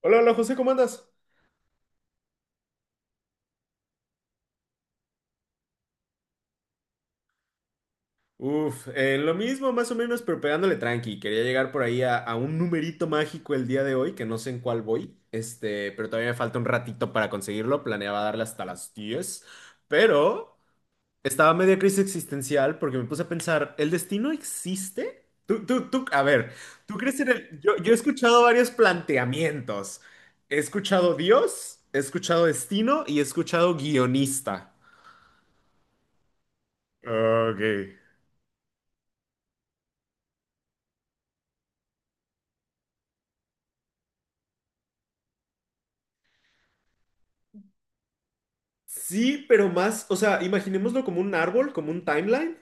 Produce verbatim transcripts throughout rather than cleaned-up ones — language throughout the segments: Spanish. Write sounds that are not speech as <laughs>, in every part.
Hola, hola José, ¿cómo andas? Uf, eh, lo mismo más o menos, pero pegándole tranqui. Quería llegar por ahí a, a un numerito mágico el día de hoy, que no sé en cuál voy, este, pero todavía me falta un ratito para conseguirlo. Planeaba darle hasta las diez, pero estaba media crisis existencial porque me puse a pensar, ¿el destino existe? Tú, tú, tú, a ver, ¿tú crees en el...? Yo, yo he escuchado varios planteamientos. He escuchado Dios, he escuchado destino y he escuchado guionista. Ok. Sí, pero más, o sea, imaginémoslo como un árbol, como un timeline,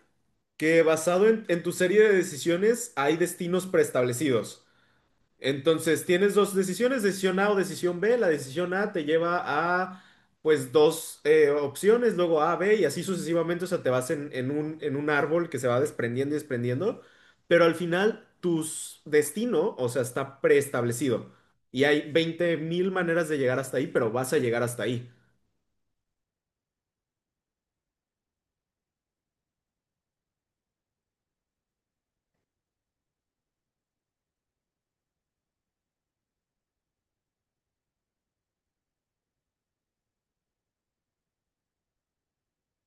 que basado en, en tu serie de decisiones hay destinos preestablecidos. Entonces, tienes dos decisiones, decisión A o decisión B. La decisión A te lleva a, pues, dos eh, opciones, luego A, B, y así sucesivamente, o sea, te vas en, en un, en un árbol que se va desprendiendo y desprendiendo, pero al final tu destino, o sea, está preestablecido. Y hay veinte mil maneras de llegar hasta ahí, pero vas a llegar hasta ahí.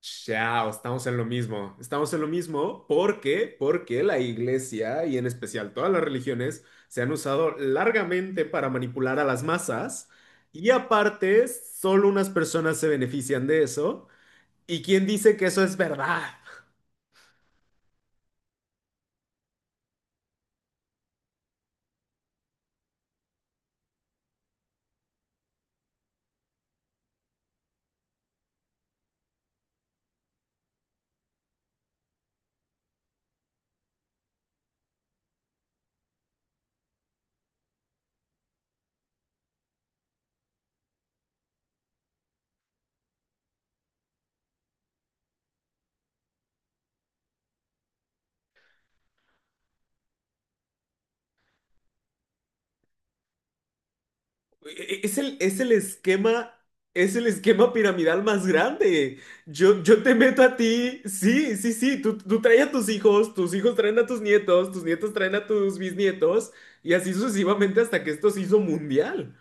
Chao, estamos en lo mismo. Estamos en lo mismo porque, porque la iglesia y en especial todas las religiones se han usado largamente para manipular a las masas y aparte solo unas personas se benefician de eso. ¿Y quién dice que eso es verdad? E- e-, Es el, es el esquema, es el esquema piramidal más grande. Yo, yo te meto a ti, sí, sí, sí, tú, tú traes a tus hijos, tus hijos traen a tus nietos, tus nietos traen a tus bisnietos, y así sucesivamente hasta que esto se hizo mundial.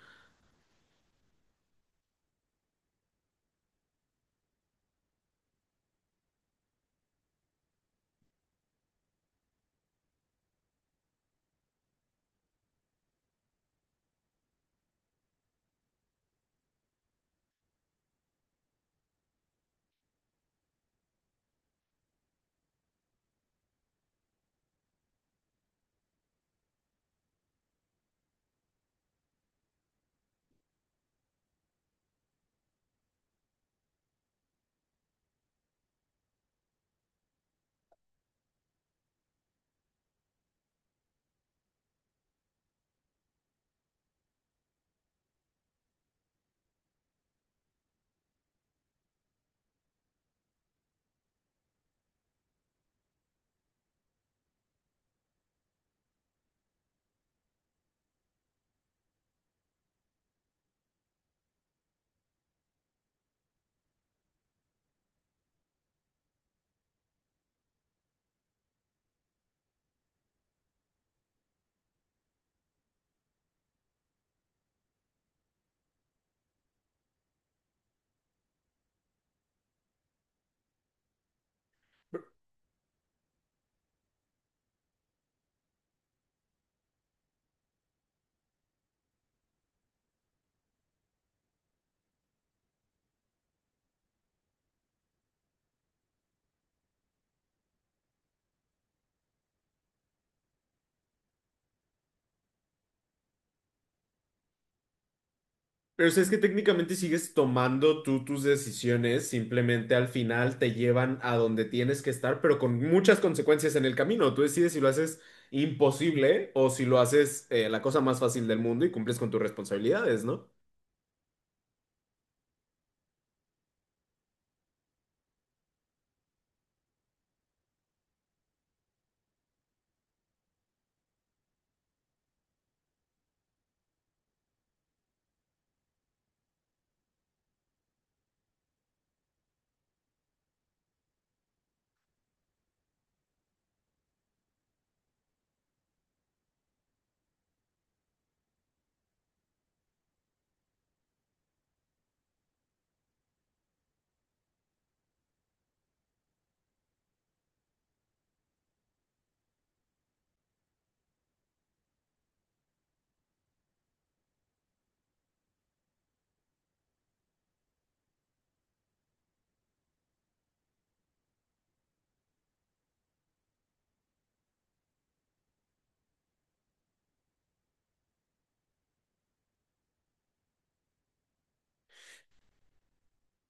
Pero o sea, es que técnicamente sigues tomando tú tus decisiones, simplemente al final te llevan a donde tienes que estar, pero con muchas consecuencias en el camino. Tú decides si lo haces imposible o si lo haces eh, la cosa más fácil del mundo y cumples con tus responsabilidades, ¿no?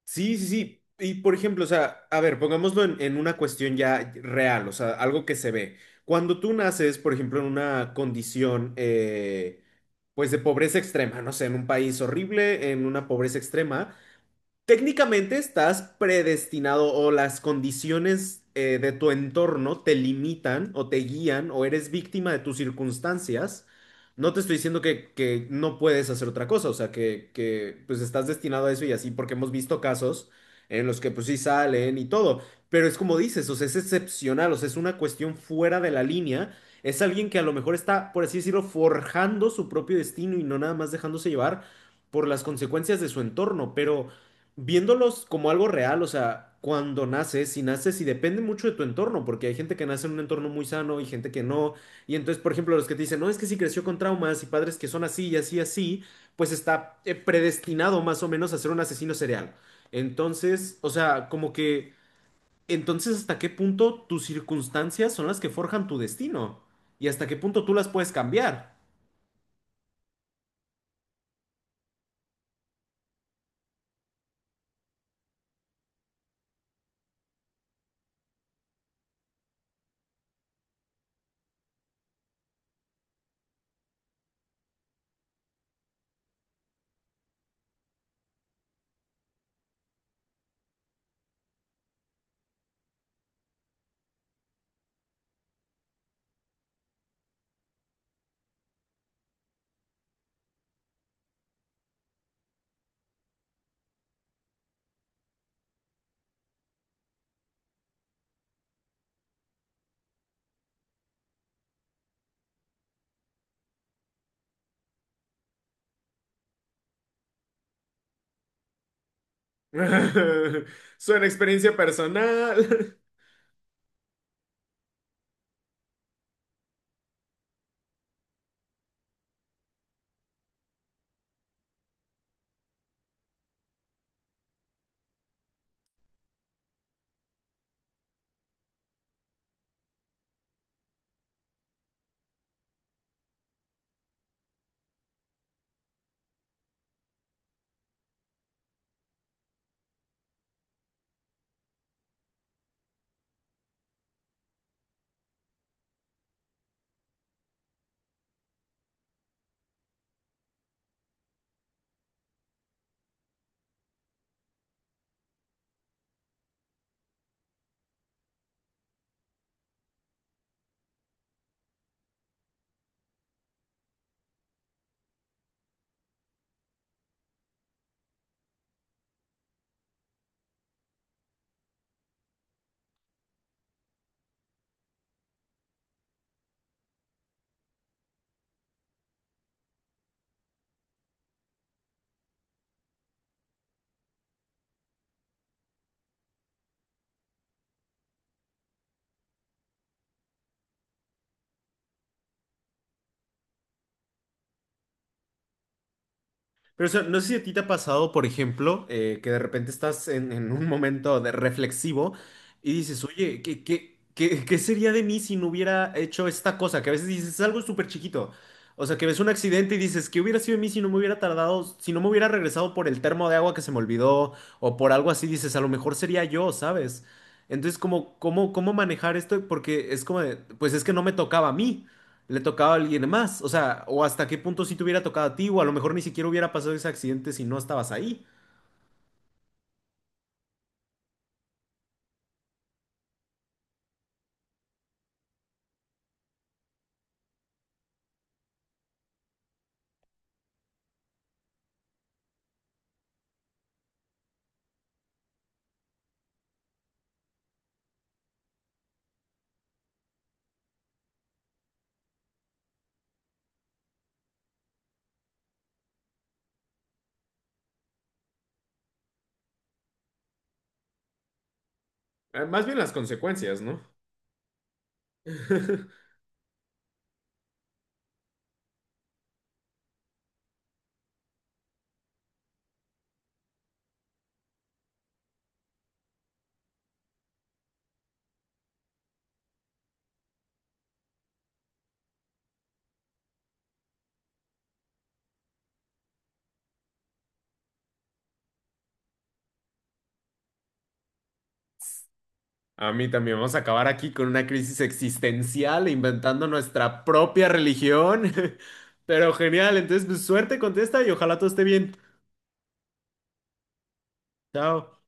Sí, sí, sí. Y por ejemplo, o sea, a ver, pongámoslo en, en una cuestión ya real, o sea, algo que se ve. Cuando tú naces, por ejemplo, en una condición, eh, pues de pobreza extrema, no sé, en un país horrible, en una pobreza extrema. Técnicamente estás predestinado o las condiciones eh, de tu entorno te limitan o te guían o eres víctima de tus circunstancias. No te estoy diciendo que, que no puedes hacer otra cosa, o sea, que, que, pues estás destinado a eso y así, porque hemos visto casos en los que pues sí salen y todo, pero es como dices, o sea, es excepcional, o sea, es una cuestión fuera de la línea, es alguien que a lo mejor está, por así decirlo, forjando su propio destino y no nada más dejándose llevar por las consecuencias de su entorno, pero viéndolos como algo real, o sea, cuando naces, si naces, y depende mucho de tu entorno, porque hay gente que nace en un entorno muy sano y gente que no, y entonces, por ejemplo, los que te dicen, no, es que si creció con traumas y padres que son así y así, y así, pues está eh, predestinado más o menos a ser un asesino serial. Entonces, o sea, como que, entonces, ¿hasta qué punto tus circunstancias son las que forjan tu destino? ¿Y hasta qué punto tú las puedes cambiar? <laughs> Suena a experiencia personal. <laughs> Pero o sea, no sé si a ti te ha pasado, por ejemplo, eh, que de repente estás en, en un momento de reflexivo y dices, oye, ¿qué, qué, qué, qué sería de mí si no hubiera hecho esta cosa? Que a veces dices, es algo súper chiquito. O sea, que ves un accidente y dices, ¿qué hubiera sido de mí si no me hubiera tardado, si no me hubiera regresado por el termo de agua que se me olvidó o por algo así? Dices, a lo mejor sería yo, ¿sabes? Entonces, como, ¿cómo, ¿cómo manejar esto? Porque es como, de, pues es que no me tocaba a mí, le tocaba a alguien más. O sea, o hasta qué punto sí te hubiera tocado a ti, o a lo mejor ni siquiera hubiera pasado ese accidente si no estabas ahí. Eh, Más bien las consecuencias, ¿no? <laughs> A mí también vamos a acabar aquí con una crisis existencial inventando nuestra propia religión. <laughs> Pero genial, entonces pues, suerte con esta y ojalá todo esté bien. Chao.